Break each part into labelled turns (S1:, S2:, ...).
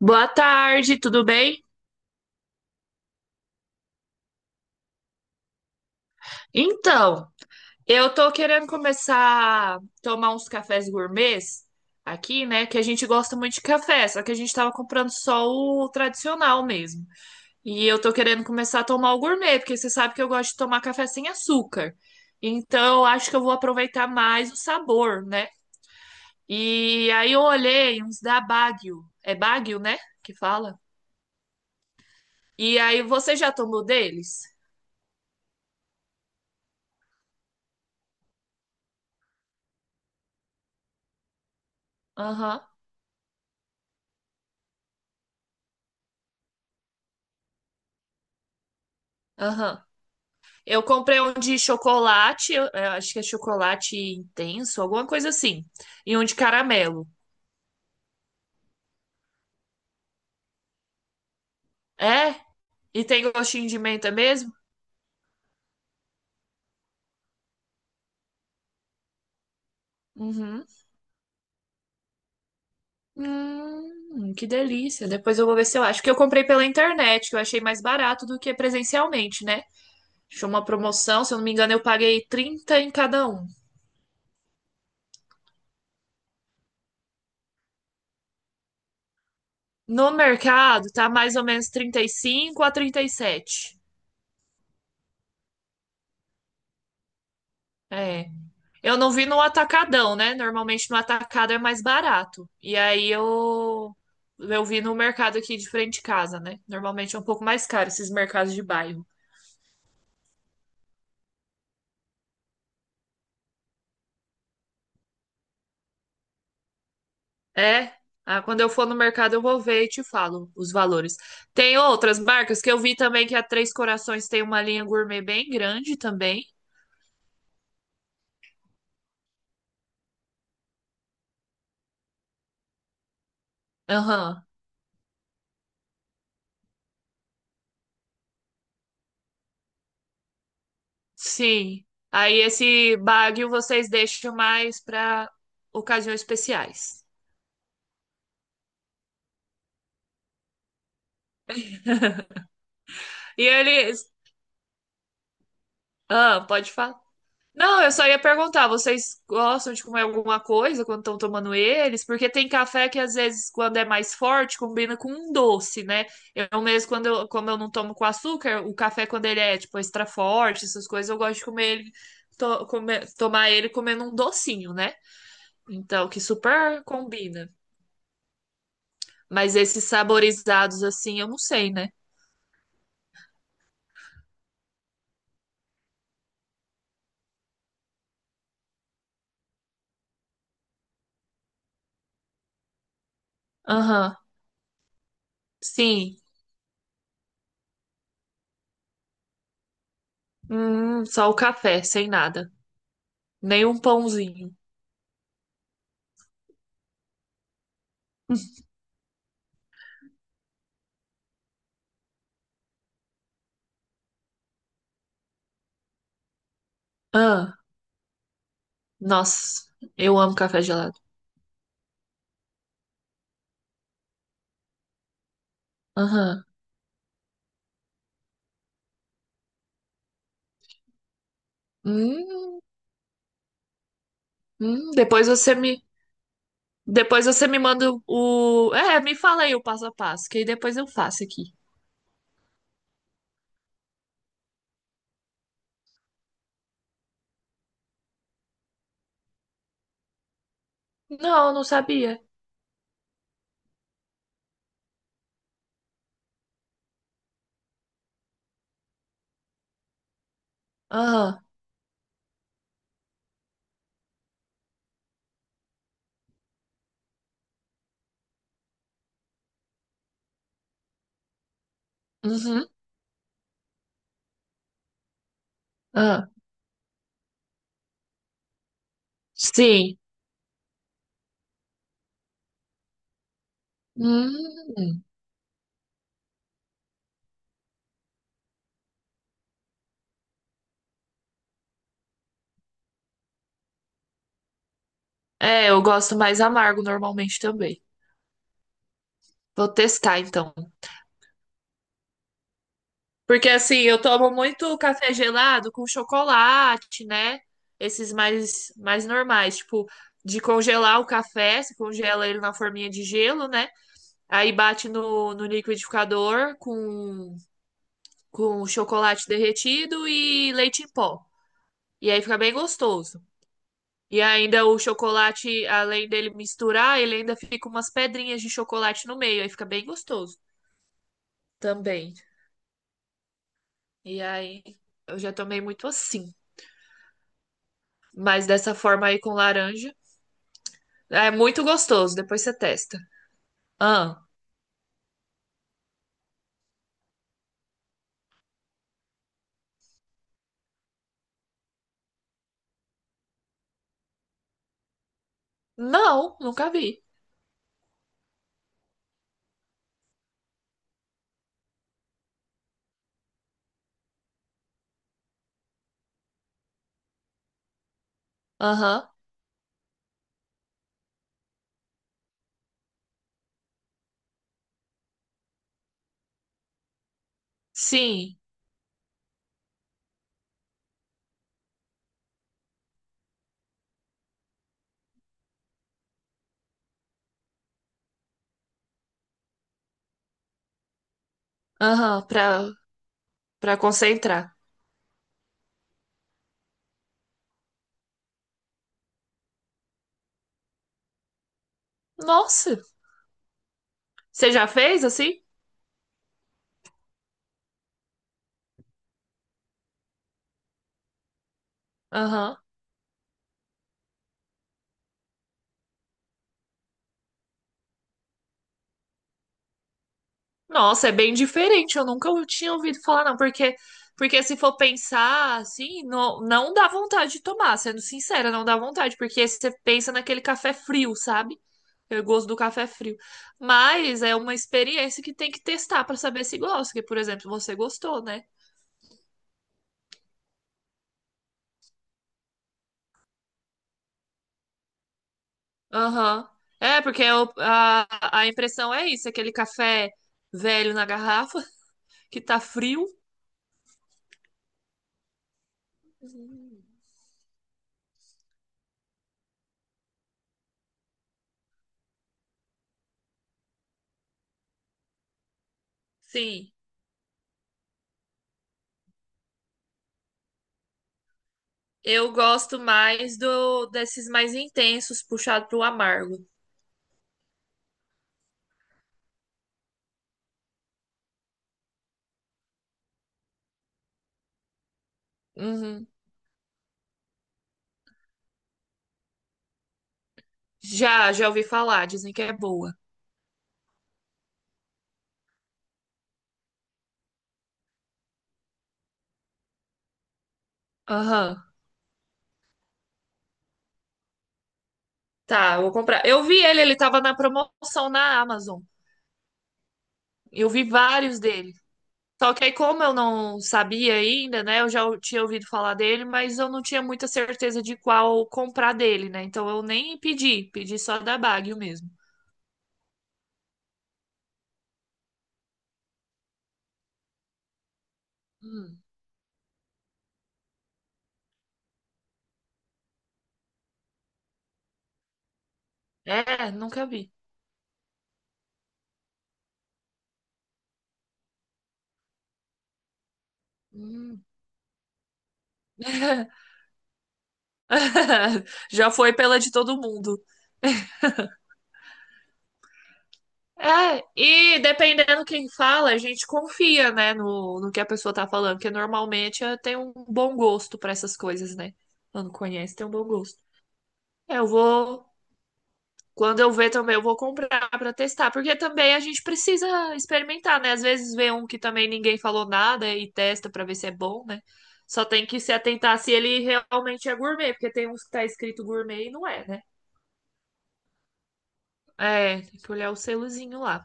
S1: Boa tarde, tudo bem? Então, eu tô querendo começar a tomar uns cafés gourmets aqui, né? Que a gente gosta muito de café, só que a gente tava comprando só o tradicional mesmo. E eu tô querendo começar a tomar o gourmet, porque você sabe que eu gosto de tomar café sem açúcar. Então, eu acho que eu vou aproveitar mais o sabor, né? E aí eu olhei uns da Baguio. É Baguio, né? Que fala. E aí, você já tomou deles? Aham, aham. Eu comprei um de chocolate, eu acho que é chocolate intenso, alguma coisa assim. E um de caramelo. É? E tem gostinho de menta mesmo? Uhum. Que delícia. Depois eu vou ver se eu acho. Que eu comprei pela internet, que eu achei mais barato do que presencialmente, né? Achei uma promoção, se eu não me engano, eu paguei 30 em cada um. No mercado, tá mais ou menos 35 a 37. É. Eu não vi no atacadão, né? Normalmente no atacado é mais barato. E aí eu vi no mercado aqui de frente de casa, né? Normalmente é um pouco mais caro esses mercados de bairro. É. Ah, quando eu for no mercado eu vou ver e te falo os valores. Tem outras marcas que eu vi também que a Três Corações tem uma linha gourmet bem grande também. Aham. Sim. Aí esse Baguio vocês deixam mais para ocasiões especiais. E eles, ah, pode falar. Não, eu só ia perguntar, vocês gostam de comer alguma coisa quando estão tomando eles? Porque tem café que às vezes, quando é mais forte, combina com um doce, né? Eu mesmo, quando eu, como eu não tomo com açúcar, o café, quando ele é, tipo, extra forte, essas coisas, eu gosto de comer ele, tomar ele comendo um docinho, né? Então, que super combina. Mas esses saborizados, assim, eu não sei, né? Aham, sim. Só o café, sem nada. Nem um pãozinho. Ah. Nossa, eu amo café gelado. Aham. Hum, hum, depois você me, depois você me manda o, é, me fala aí o passo a passo, que aí depois eu faço aqui. Não, não sabia. Aham. Uhum. Ah, sim. Hum. É, eu gosto mais amargo normalmente também. Vou testar então. Porque assim, eu tomo muito café gelado com chocolate, né? Esses mais normais, tipo de congelar o café, se congela ele na forminha de gelo, né? Aí bate no, no liquidificador com chocolate derretido e leite em pó. E aí fica bem gostoso. E ainda o chocolate, além dele misturar, ele ainda fica umas pedrinhas de chocolate no meio. Aí fica bem gostoso também. E aí eu já tomei muito assim. Mas dessa forma aí com laranja. É muito gostoso. Depois você testa. Ah, não, nunca vi. Aham. Sim. Aham, pra, pra concentrar. Nossa, você já fez assim? Aham. Nossa, é bem diferente. Eu nunca tinha ouvido falar, não. Porque, porque se for pensar assim, não, não dá vontade de tomar. Sendo sincera, não dá vontade. Porque você pensa naquele café frio, sabe? Eu gosto do café frio. Mas é uma experiência que tem que testar pra saber se gosta. Que, por exemplo, você gostou, né? Aham. É, porque eu- a impressão é isso, aquele café velho na garrafa, que tá frio. Uhum. Sim. Eu gosto mais do desses mais intensos, puxado pro amargo. Uhum. Já, já ouvi falar, dizem que é boa. Aham. Tá, vou comprar. Eu vi ele, ele tava na promoção na Amazon. Eu vi vários dele. Só que aí, como eu não sabia ainda, né? Eu tinha ouvido falar dele, mas eu não tinha muita certeza de qual comprar dele, né? Então eu nem pedi, pedi só da Baguio mesmo. Hum. É, nunca vi. Hum. Já foi pela de todo mundo. É, e dependendo quem fala, a gente confia, né, no, no que a pessoa tá falando, porque normalmente tem um bom gosto pra essas coisas, né? Quando conhece, tem um bom gosto. É, eu vou, quando eu ver também, eu vou comprar pra testar, porque também a gente precisa experimentar, né? Às vezes vê um que também ninguém falou nada e testa pra ver se é bom, né? Só tem que se atentar se ele realmente é gourmet, porque tem uns que tá escrito gourmet e não é, né? É, tem que olhar o selozinho lá.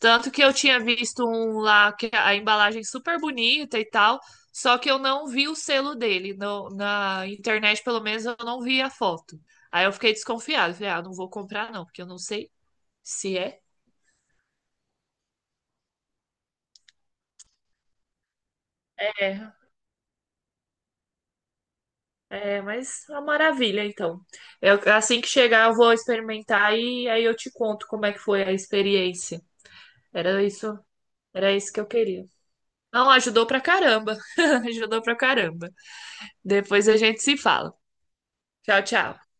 S1: Tanto que eu tinha visto um lá que a embalagem super bonita e tal, só que eu não vi o selo dele. Na internet, pelo menos, eu não vi a foto. Aí eu fiquei desconfiado. Falei, ah, não vou comprar não, porque eu não sei se é. É, é, mas é uma maravilha, então. Eu- assim que chegar, eu vou experimentar e aí eu te conto como é que foi a experiência. Era isso, era isso que eu queria. Não, ajudou pra caramba. Ajudou pra caramba. Depois a gente se fala. Tchau, tchau.